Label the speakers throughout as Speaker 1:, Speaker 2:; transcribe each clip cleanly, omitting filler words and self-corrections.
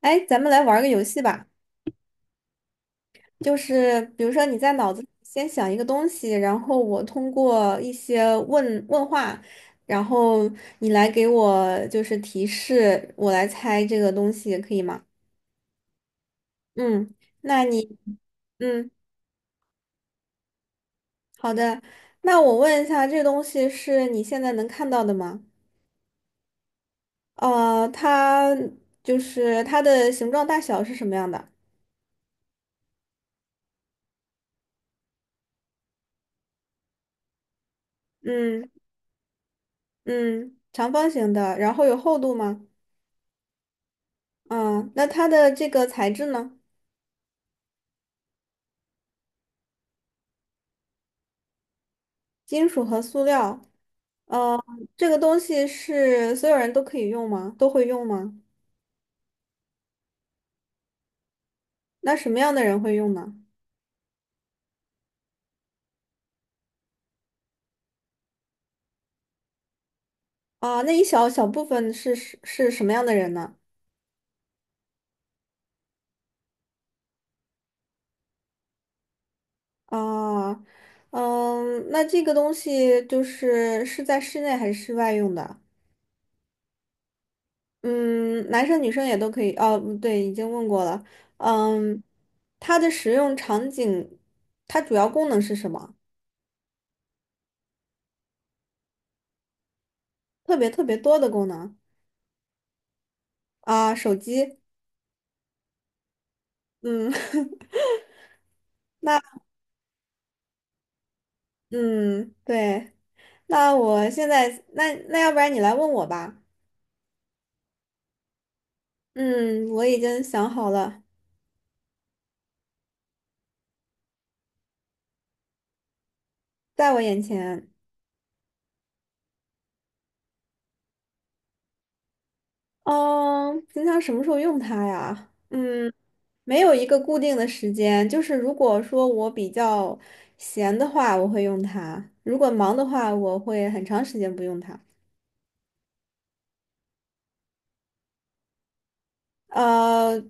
Speaker 1: 哎，咱们来玩儿个游戏吧，就是比如说你在脑子里先想一个东西，然后我通过一些问话，然后你来给我就是提示，我来猜这个东西，可以吗？嗯，那你，嗯，好的，那我问一下，这东西是你现在能看到的吗？它就是它的形状大小是什么样的？嗯。嗯，长方形的，然后有厚度吗？嗯，那它的这个材质呢？金属和塑料，呃，这个东西是所有人都可以用吗？都会用吗？那什么样的人会用呢？啊、那一小小部分是什么样的人呢？啊、嗯，那这个东西就是是在室内还是室外用的？嗯，男生女生也都可以。哦，不对，已经问过了。嗯，它的使用场景，它主要功能是什么？特别特别多的功能。啊、手机。嗯。那嗯，对，那我现在那要不然你来问我吧。嗯，我已经想好了，在我眼前。嗯，平常什么时候用它呀？嗯，没有一个固定的时间，就是如果说我比较闲的话，我会用它；如果忙的话，我会很长时间不用它。呃，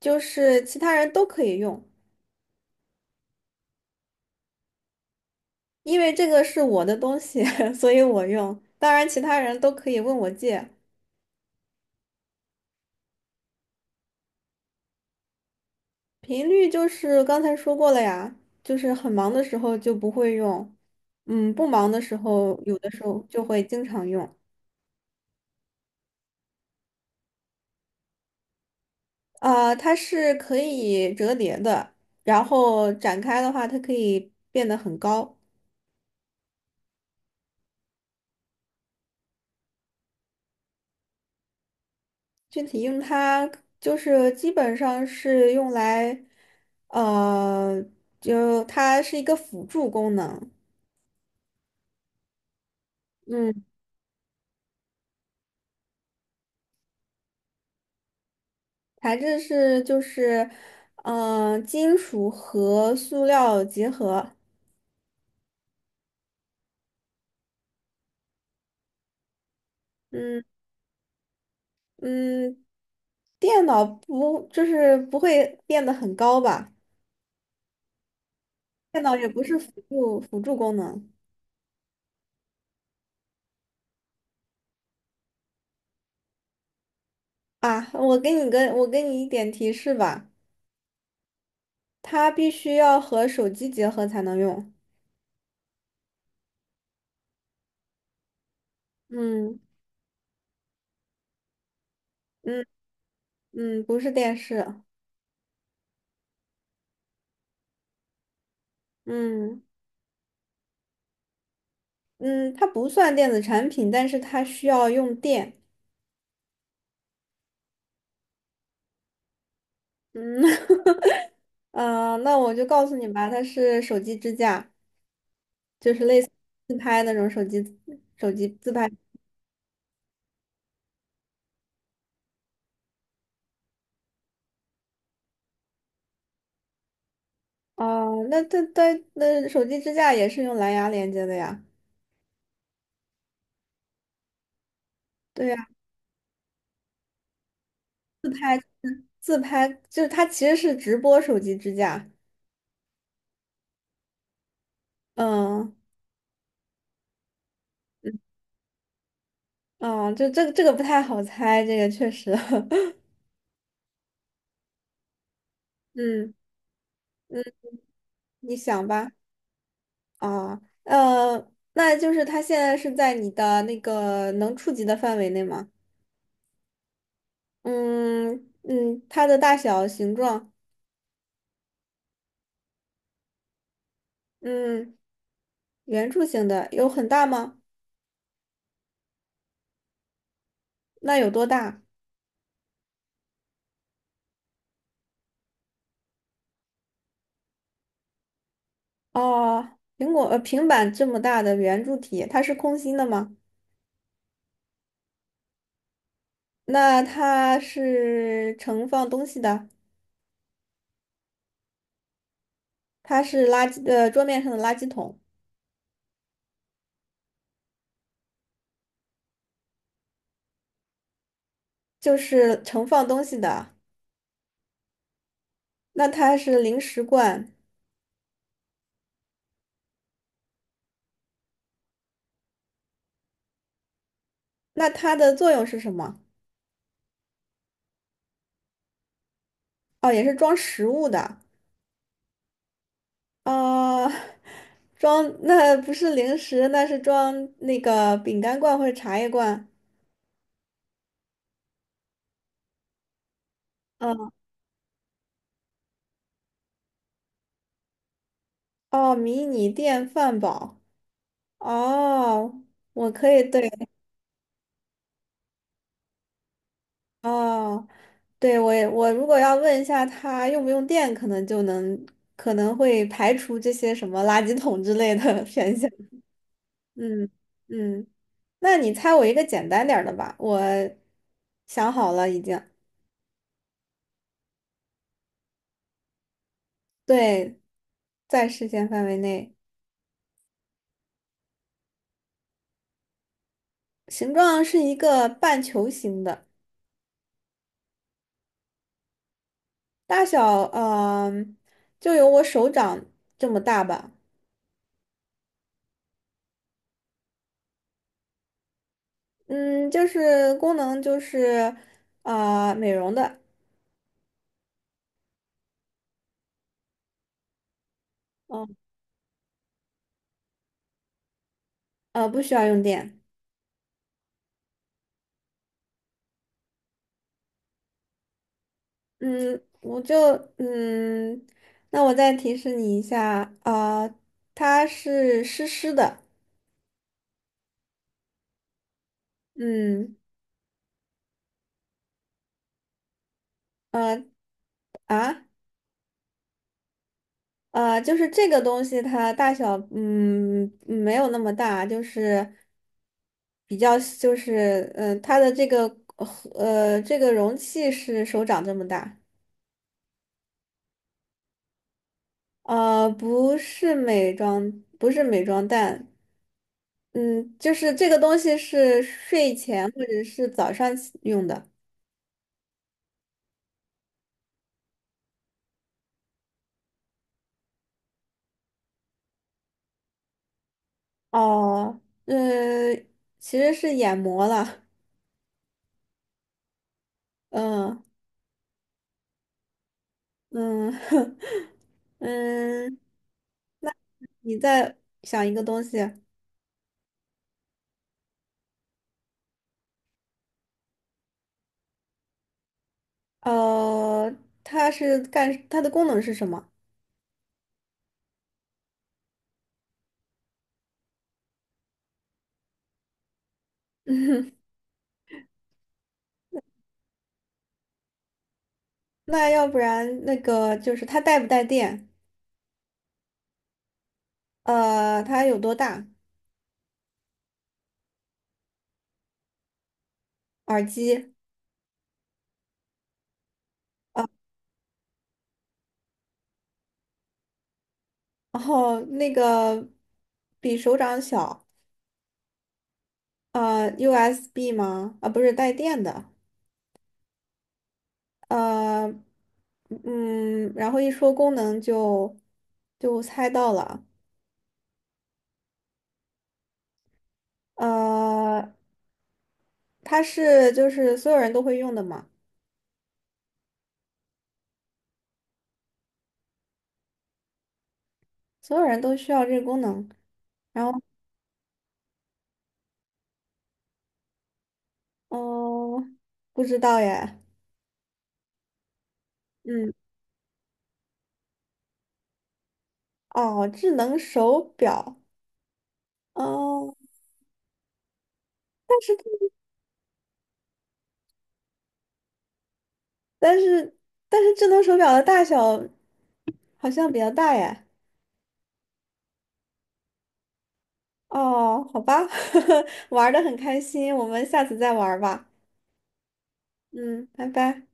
Speaker 1: 就是其他人都可以用，因为这个是我的东西，所以我用。当然，其他人都可以问我借。频率就是刚才说过了呀，就是很忙的时候就不会用，嗯，不忙的时候有的时候就会经常用。啊、它是可以折叠的，然后展开的话，它可以变得很高。具体用它就是基本上是用来，呃，就它是一个辅助功能。嗯。材质是就是，嗯、金属和塑料结合。嗯。嗯，电脑不就是不会变得很高吧？电脑也不是辅助功能。啊。我给你一点提示吧，它必须要和手机结合才能用。嗯。嗯。嗯，不是电视。嗯。嗯，它不算电子产品，但是它需要用电。嗯。啊那我就告诉你吧，它是手机支架，就是类似自拍那种手机自拍。哦，那它那手机支架也是用蓝牙连接的呀。对呀，自拍就是它其实是直播手机支架。嗯。嗯，哦就这个不太好猜，这个确实。嗯。嗯，你想吧。啊，那就是它现在是在你的那个能触及的范围内吗？嗯。嗯，它的大小、形状，嗯，圆柱形的有很大吗？那有多大？哦，苹果平板这么大的圆柱体，它是空心的吗？那它是盛放东西的，它是桌面上的垃圾桶，就是盛放东西的。那它是零食罐，那它的作用是什么？哦，也是装食物的。啊，装，那不是零食，那是装那个饼干罐或者茶叶罐。嗯，哦，迷你电饭煲。哦，我可以，对，哦，对，我也我如果要问一下它用不用电，可能就能，可能会排除这些什么垃圾桶之类的 选项。嗯。嗯，那你猜我一个简单点儿的吧，我想好了已经，对，在视线范围内。形状是一个半球形的，大小嗯、就有我手掌这么大吧。嗯，就是功能就是啊，美容的，嗯。不需要用电。嗯，我就嗯，那我再提示你一下啊、它是湿湿的，嗯。呃啊。啊，就是这个东西它大小，嗯，嗯没有那么大，就是比较，就是，嗯、它的这个，这个容器是手掌这么大，呃，不是美妆，不是美妆蛋，嗯，就是这个东西是睡前或者是早上起用的，哦，嗯，其实是眼膜了，嗯。嗯。 嗯，那你再想一个东西。呃，它是干，它的功能是什么？那要不然那个就是它带不带电？呃，它有多大？耳机，然后那个比手掌小，USB 吗？啊，不是带电的，呃，然后一说功能就就猜到了，呃，它是就是所有人都会用的嘛，所有人都需要这个功能，然后哦，不知道耶。嗯，哦，智能手表，哦，但是但是但是智能手表的大小好像比较大耶。哦，好吧，玩的很开心，我们下次再玩儿吧。嗯，拜拜。